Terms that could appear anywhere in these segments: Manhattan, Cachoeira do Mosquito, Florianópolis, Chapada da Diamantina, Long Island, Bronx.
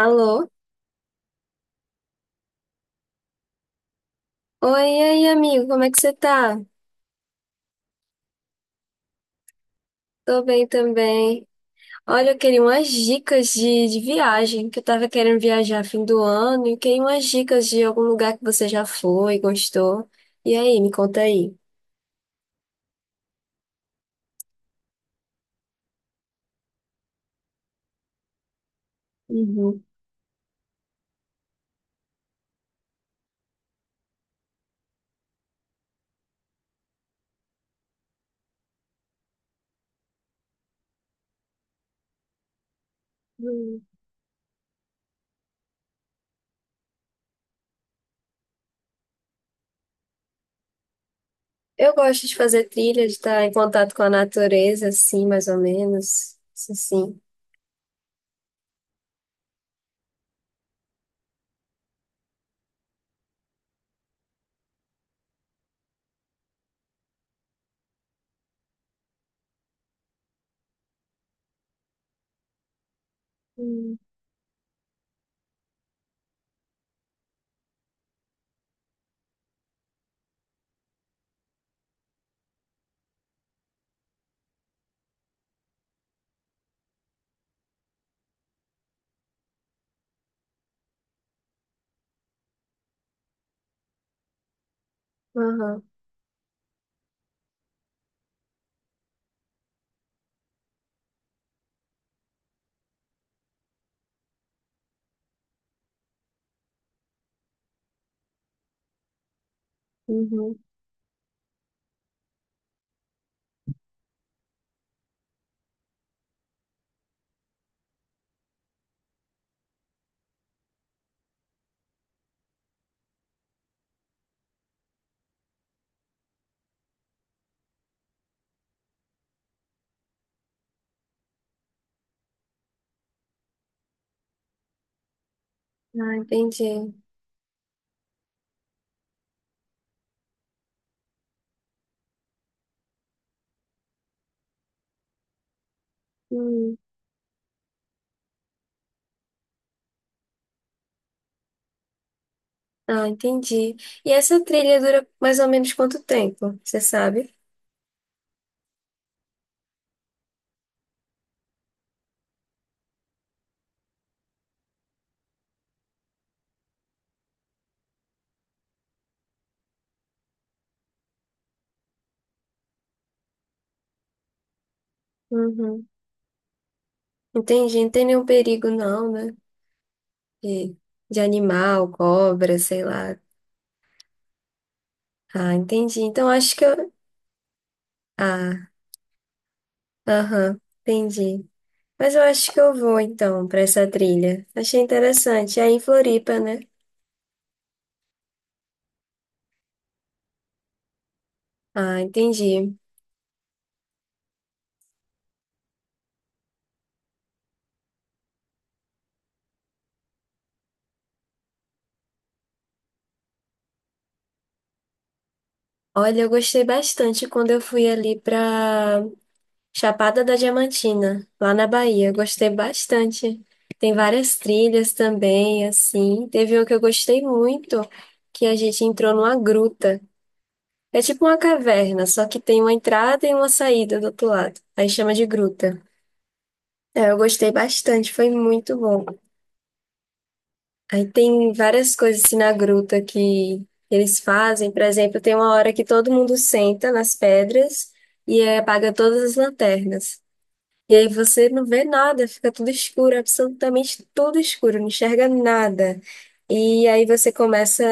Alô? Oi, e aí, amigo, como é que você tá? Tô bem também. Olha, eu queria umas dicas de viagem, que eu tava querendo viajar fim do ano, e queria umas dicas de algum lugar que você já foi, gostou. E aí, me conta aí. Uhum. Hum. Eu gosto de fazer trilha, de estar em contato com a natureza, assim, mais ou menos. Isso sim. Hum. Aham. Uhum. Ah, entendi. Hum. Ah, entendi. E essa trilha dura mais ou menos quanto tempo, você sabe? Uhum. Entendi, não tem nenhum perigo não, né? De, de animal, cobra, sei lá. Ah, entendi. Então acho que eu. Ah, aham, entendi. Mas eu acho que eu vou então para essa trilha. Achei interessante. É em Floripa, né? Ah, entendi. Olha, eu gostei bastante quando eu fui ali para Chapada da Diamantina, lá na Bahia. Eu gostei bastante. Tem várias trilhas também, assim. Teve uma que eu gostei muito, que a gente entrou numa gruta. É tipo uma caverna, só que tem uma entrada e uma saída do outro lado. Aí chama de gruta. É, eu gostei bastante, foi muito bom. Aí tem várias coisas assim na gruta que eles fazem. Por exemplo, tem uma hora que todo mundo senta nas pedras e apaga todas as lanternas. E aí você não vê nada, fica tudo escuro, absolutamente tudo escuro, não enxerga nada. E aí você começa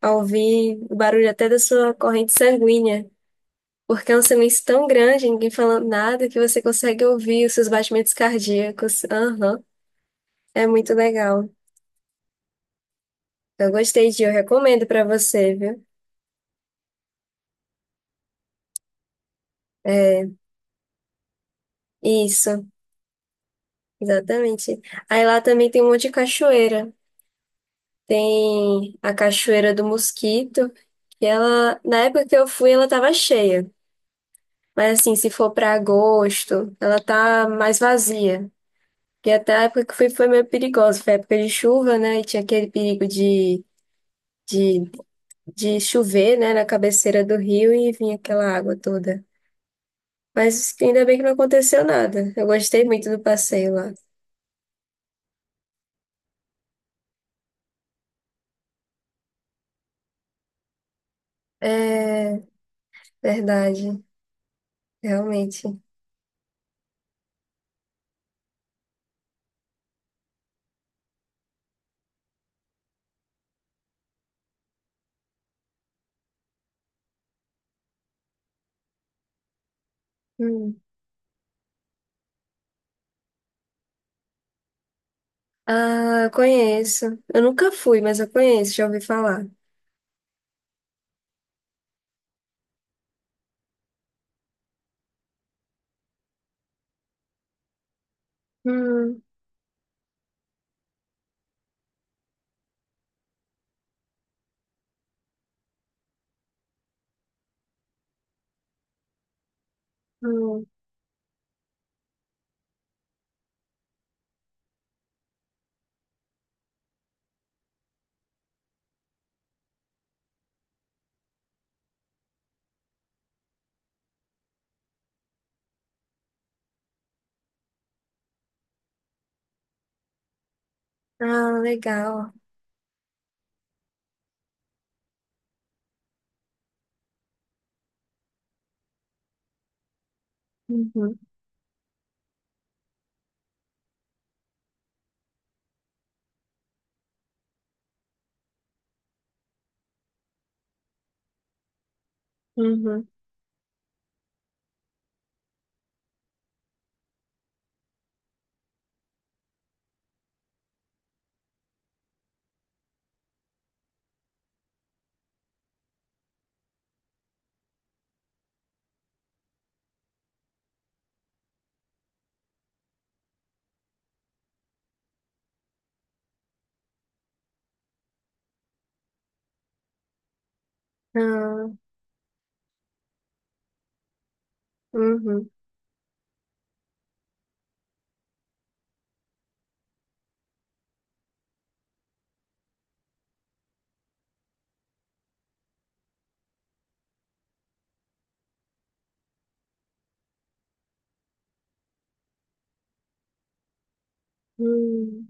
a ouvir o barulho até da sua corrente sanguínea. Porque é um silêncio tão grande, ninguém falando nada, que você consegue ouvir os seus batimentos cardíacos. Aham, é muito legal. Eu gostei de, eu recomendo pra você, viu? Isso, exatamente. Aí lá também tem um monte de cachoeira. Tem a Cachoeira do Mosquito, que ela, na época que eu fui, ela tava cheia. Mas assim, se for pra agosto, ela tá mais vazia. Porque até a época que eu fui foi meio perigosa, foi época de chuva, né? E tinha aquele perigo de de de chover, né, na cabeceira do rio e vinha aquela água toda. Mas ainda bem que não aconteceu nada. Eu gostei muito do passeio lá. É verdade, realmente. Hum. Ah, eu conheço. Eu nunca fui, mas eu conheço, já ouvi falar. Hum, hum. Ah, legal. Uhum, uhum. Ah, uhum, hum.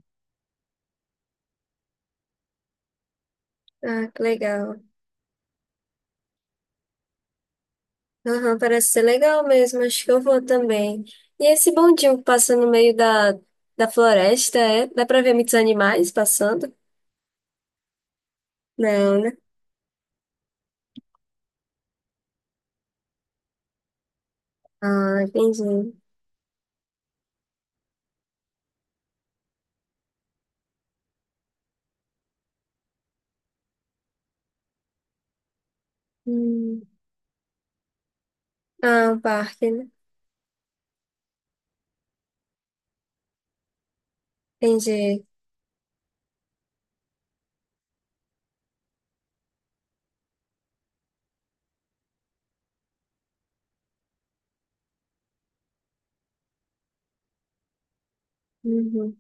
Ah, que legal. Aham, parece ser legal mesmo, acho que eu vou também. E esse bondinho que passa no meio da floresta, é? Dá pra ver muitos animais passando? Não, né? Ah, entendi. Hum. Ah, um parque, né? Entendi. Uhum.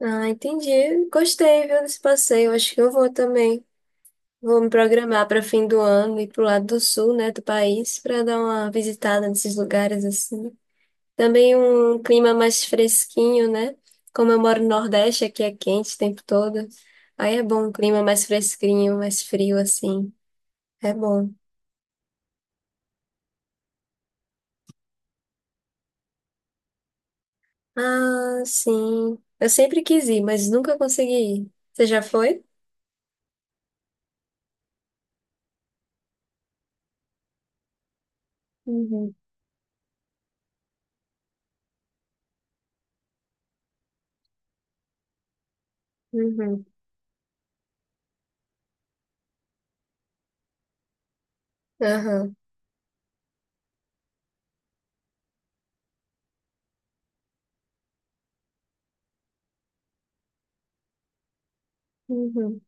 Ah, entendi. Gostei, viu, desse passeio, acho que eu vou também. Vou me programar para fim do ano ir pro lado do sul, né, do país, para dar uma visitada nesses lugares assim. Também um clima mais fresquinho, né? Como eu moro no Nordeste, aqui é quente o tempo todo. Aí é bom um clima mais fresquinho, mais frio, assim. É bom. Ah, sim. Eu sempre quis ir, mas nunca consegui ir. Você já foi? Uhum, uhum, aham, uhum.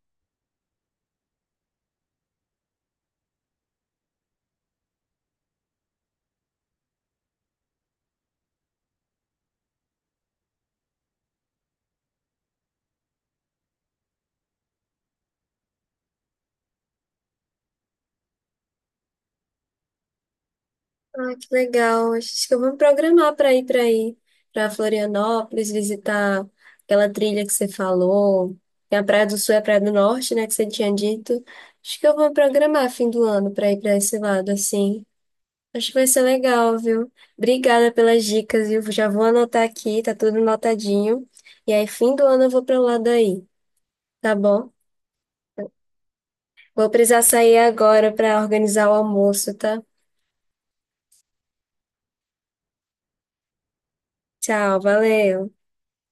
Ah, que legal. Acho que eu vou me programar para ir para aí, para Florianópolis, visitar aquela trilha que você falou. Tem a Praia do Sul e a Praia do Norte, né, que você tinha dito. Acho que eu vou me programar fim do ano para ir para esse lado, assim. Acho que vai ser legal, viu? Obrigada pelas dicas, viu? Já vou anotar aqui, tá tudo anotadinho. E aí, fim do ano eu vou para lá daí, tá bom? Vou precisar sair agora para organizar o almoço, tá? Tchau, valeu.